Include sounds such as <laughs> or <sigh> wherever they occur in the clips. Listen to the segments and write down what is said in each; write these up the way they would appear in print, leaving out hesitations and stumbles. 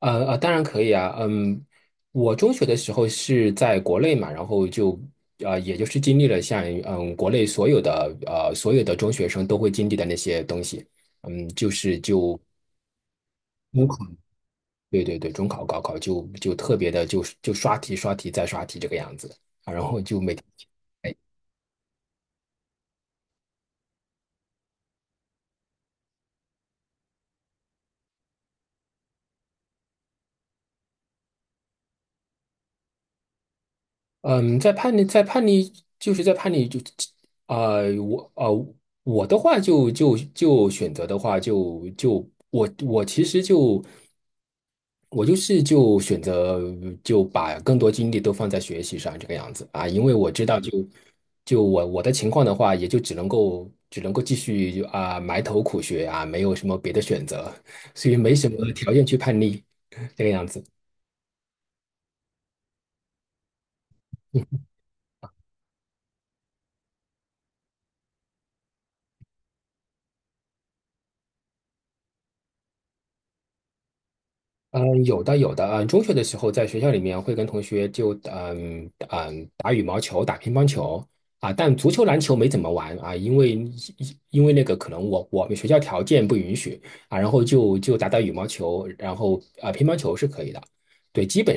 当然可以啊。嗯，我中学的时候是在国内嘛，然后就也就是经历了像国内所有的所有的中学生都会经历的那些东西。嗯，就是就中考，对对对，中考、高考就特别的刷题、刷题再刷题这个样子啊，然后就每天。嗯，在叛逆，在叛逆，就是在叛逆就，啊，我我的话就选择的话我其实就我就是选择就把更多精力都放在学习上这个样子啊，因为我知道就我的情况的话，也就只能够继续就埋头苦学啊，没有什么别的选择，所以没什么条件去叛逆这个样子。嗯，有的有的。嗯，中学的时候在学校里面会跟同学就打羽毛球、打乒乓球啊，但足球、篮球没怎么玩啊，因为那个可能我们学校条件不允许啊，然后就打打羽毛球，然后啊乒乓球是可以的。对，基本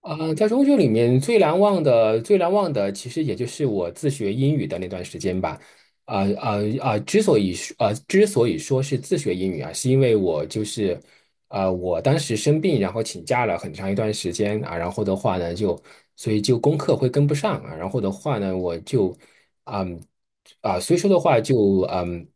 啊，在中学里面最难忘的其实也就是我自学英语的那段时间吧。啊啊啊！之所以说啊，之所以说是自学英语啊，是因为我就是我当时生病，然后请假了很长一段时间啊，然后的话呢，就所以就功课会跟不上啊，然后的话呢，我就，嗯，所以说的话就，嗯，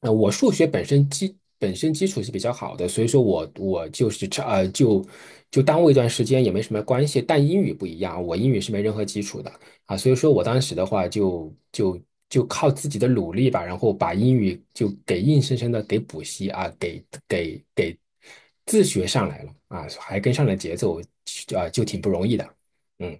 呃，我数学本身基础是比较好的，所以说我就是差就耽误一段时间也没什么关系，但英语不一样，我英语是没任何基础的。啊，所以说我当时的话就靠自己的努力吧，然后把英语就给硬生生的给补习啊，给自学上来了啊，还跟上了节奏啊，就挺不容易的。嗯，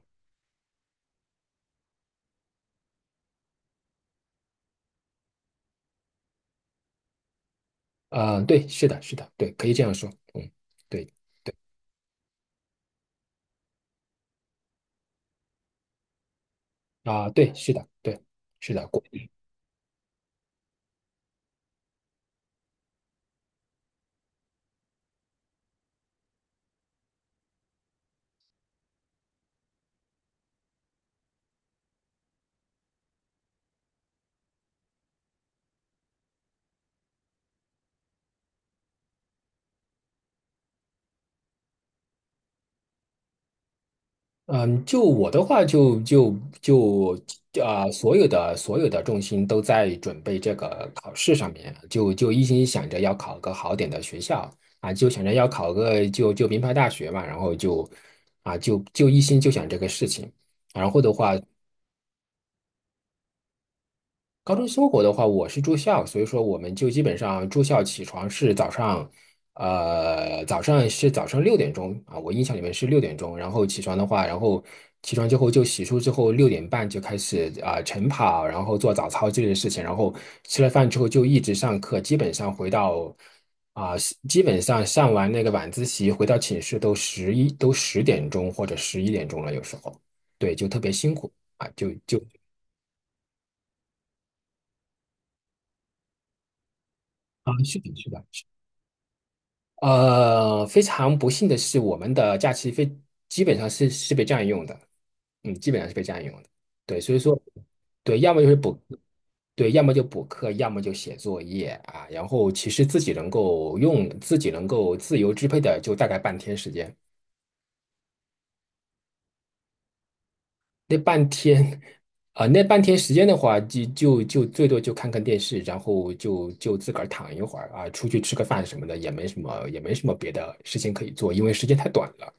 啊，对，是的，是的，对，可以这样说。嗯，对对啊，对，是的，对，是的。过。嗯，就我的话就，就就啊、所有的重心都在准备这个考试上面，就一心想着要考个好点的学校啊，就想着要考个名牌大学嘛，然后就啊就一心就想这个事情，然后的话。高中生活的话，我是住校，所以说我们就基本上住校起床是早上，早上是早上六点钟啊，我印象里面是六点钟，然后起床的话，然后起床之后就洗漱之后6点半就开始啊、晨跑，然后做早操之类的事情，然后吃了饭之后就一直上课，基本上回到啊、基本上上完那个晚自习回到寝室都10点钟或者11点钟了，有时候对，就特别辛苦啊，啊，是的，是的。呃，非常不幸的是，我们的假期非基本上是被占用的，嗯，基本上是被占用的。对，所以说，对，要么就是补，对，要么就补课，要么就写作业啊。然后其实自己能够用，自己能够自由支配的，就大概半天时间。那半天，啊、那半天时间的话，就最多就看看电视，然后自个儿躺一会儿啊，出去吃个饭什么的，也没什么也没什么别的事情可以做，因为时间太短了。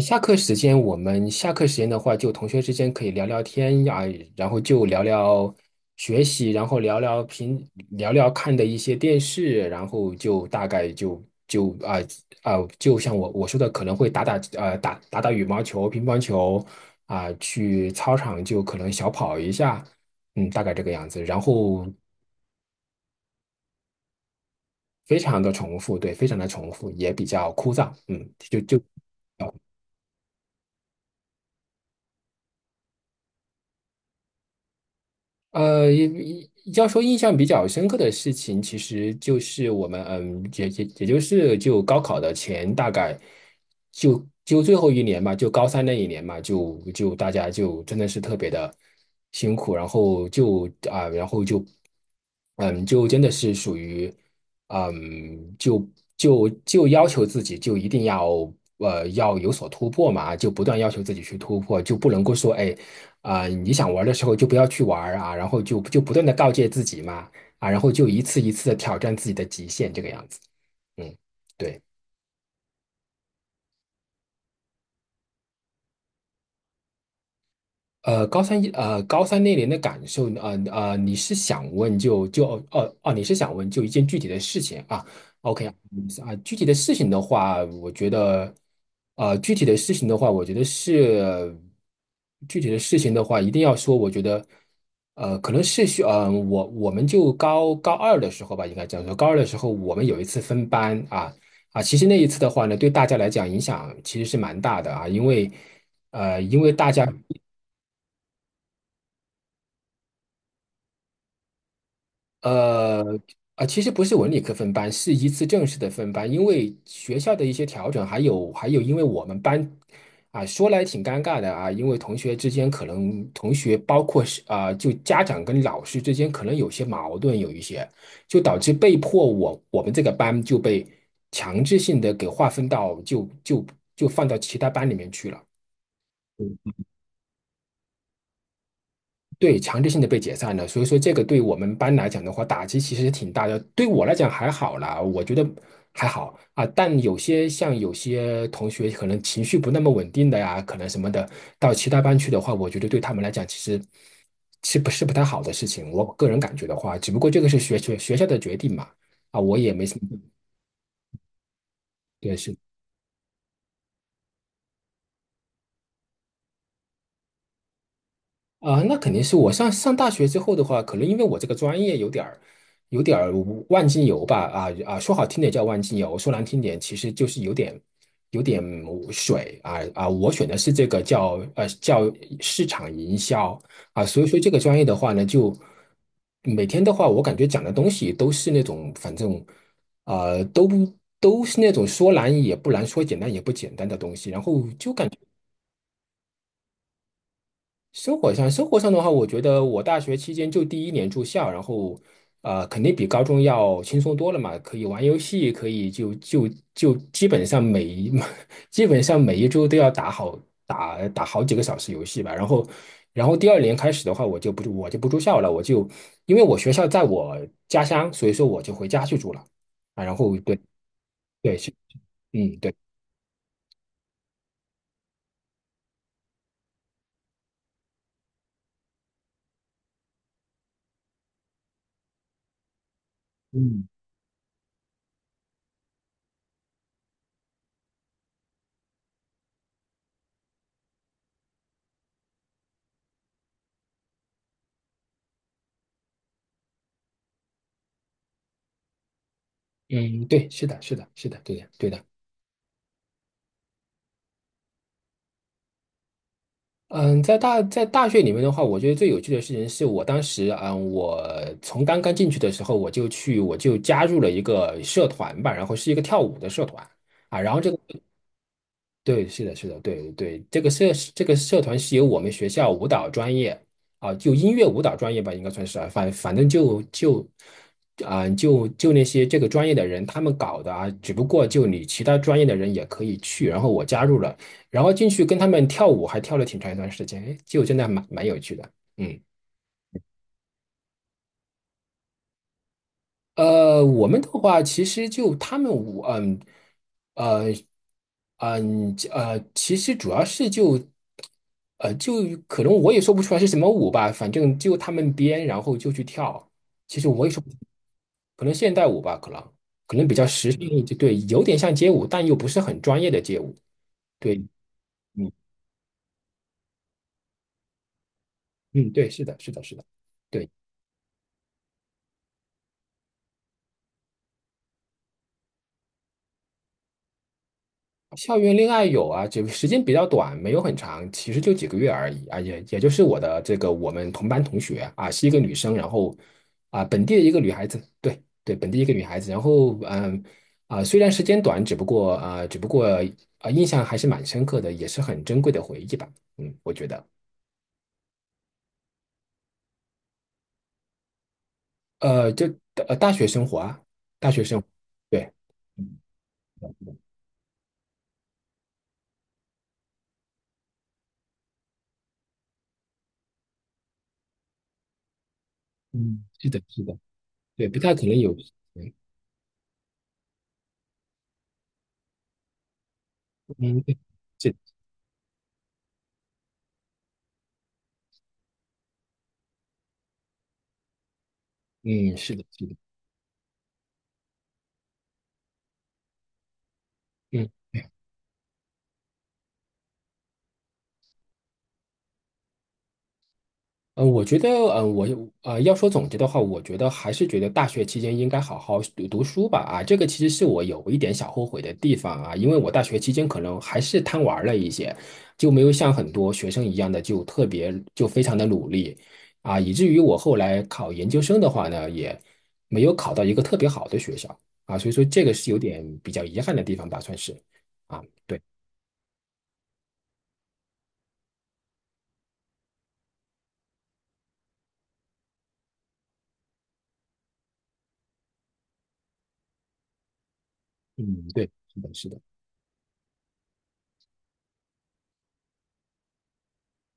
下课时间，我们下课时间的话，就同学之间可以聊聊天呀，然后就聊聊学习，然后聊聊看的一些电视，然后就大概就啊、就像我说的，可能会打打打羽毛球、乒乓球啊、去操场就可能小跑一下，嗯，大概这个样子。然后非常的重复。对，也比较枯燥，嗯，就就。呃，要说印象比较深刻的事情，其实就是我们，嗯，也也也就是就高考的前大概最后一年嘛，就高三那一年嘛，大家就真的是特别的辛苦，然后就啊、然后就就真的是属于嗯，就就要求自己就一定要要有所突破嘛，就不断要求自己去突破，就不能够说哎。啊、你想玩的时候就不要去玩啊，然后就不断的告诫自己嘛，啊，然后就一次一次的挑战自己的极限，这个样子。嗯，对。呃，高三那年的感受，你是想问哦哦，你是想问就一件具体的事情啊？OK 啊，啊具体的事情的话，我觉得，呃，具体的事情的话，我觉得是具体的事情的话，一定要说，我觉得，呃，可能是需，呃，我们就高二的时候吧，应该这样说，高二的时候我们有一次分班啊啊，其实那一次的话呢，对大家来讲影响其实是蛮大的啊，因为。呃，因为大家呃，啊，其实不是文理科分班，是一次正式的分班，因为学校的一些调整，还有，因为我们班啊，说来挺尴尬的啊，因为同学之间可能同学包括是啊，就家长跟老师之间可能有些矛盾，有一些就导致被迫我们这个班就被强制性的给划分到就放到其他班里面去了。对，强制性的被解散了，所以说这个对我们班来讲的话，打击其实挺大的。对我来讲还好啦，我觉得还好啊。但有些像有些同学可能情绪不那么稳定的呀，可能什么的，到其他班去的话，我觉得对他们来讲其实是不是不太好的事情。我个人感觉的话，只不过这个是学校的决定嘛，啊，我也没什么。啊，那肯定是我上大学之后的话，可能因为我这个专业有点儿，有点儿万金油吧，啊啊，说好听点叫万金油，说难听点其实就是有点有点水啊啊，我选的是这个叫市场营销啊，所以说这个专业的话呢，就每天的话，我感觉讲的东西都是那种反正呃都不都是那种说难也不难，说简单也不简单的东西，然后就感。觉。生活上，的话，我觉得我大学期间就第一年住校，然后，呃，肯定比高中要轻松多了嘛，可以玩游戏，可以就基本上每一 <laughs> 基本上每一周都要打好打好几个小时游戏吧。然后，然后第二年开始的话，我就不住校了，我就因为我学校在我家乡，所以说我就回家去住了啊。然后对对是，嗯对，嗯嗯对，是的是的是的，对的对的。嗯，在大学里面的话，我觉得最有趣的事情是我当时，嗯，我从刚刚进去的时候，我就加入了一个社团吧，然后是一个跳舞的社团啊，然后这个对，是的，是的，对对，这个社团是由我们学校舞蹈专业啊，就音乐舞蹈专业吧，应该算是啊，反正啊、那些这个专业的人他们搞的啊，只不过就你其他专业的人也可以去，然后我加入了，然后进去跟他们跳舞，还跳了挺长一段时间，哎，就真的蛮有趣的，嗯。呃，我们的话，其实就他们舞，呃，其实主要是就，呃，就可能我也说不出来是什么舞吧，反正就他们编，然后就去跳。其实我也说不，可能现代舞吧，可能比较时尚一点，对，有点像街舞，但又不是很专业的街舞。对，嗯嗯，对，是的，是的，是的，对。校园恋爱有啊，只时间比较短，没有很长，其实就几个月而已啊，也就是我的这个我们同班同学啊，是一个女生，然后啊本地的一个女孩子，对对，本地一个女孩子，然后虽然时间短，只不过啊印象还是蛮深刻的，也是很珍贵的回忆吧，嗯，我觉得呃就呃大学生活啊，大学生活，对，嗯嗯，是的，是的，对，不太可能有，嗯嗯，对是的，嗯是的，是的。嗯。呃，我觉得，嗯，要说总结的话，我觉得还是觉得大学期间应该好好读书吧。啊，这个其实是我有一点小后悔的地方啊，因为我大学期间可能还是贪玩了一些，就没有像很多学生一样的就特别就非常的努力啊，以至于我后来考研究生的话呢，也没有考到一个特别好的学校啊，所以说这个是有点比较遗憾的地方吧，算是啊，对，嗯，对，是的，是的，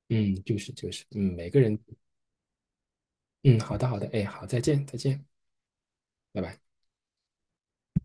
嗯，就是，嗯，每个人。嗯，好的，好的，哎，好，再见，再见，拜拜。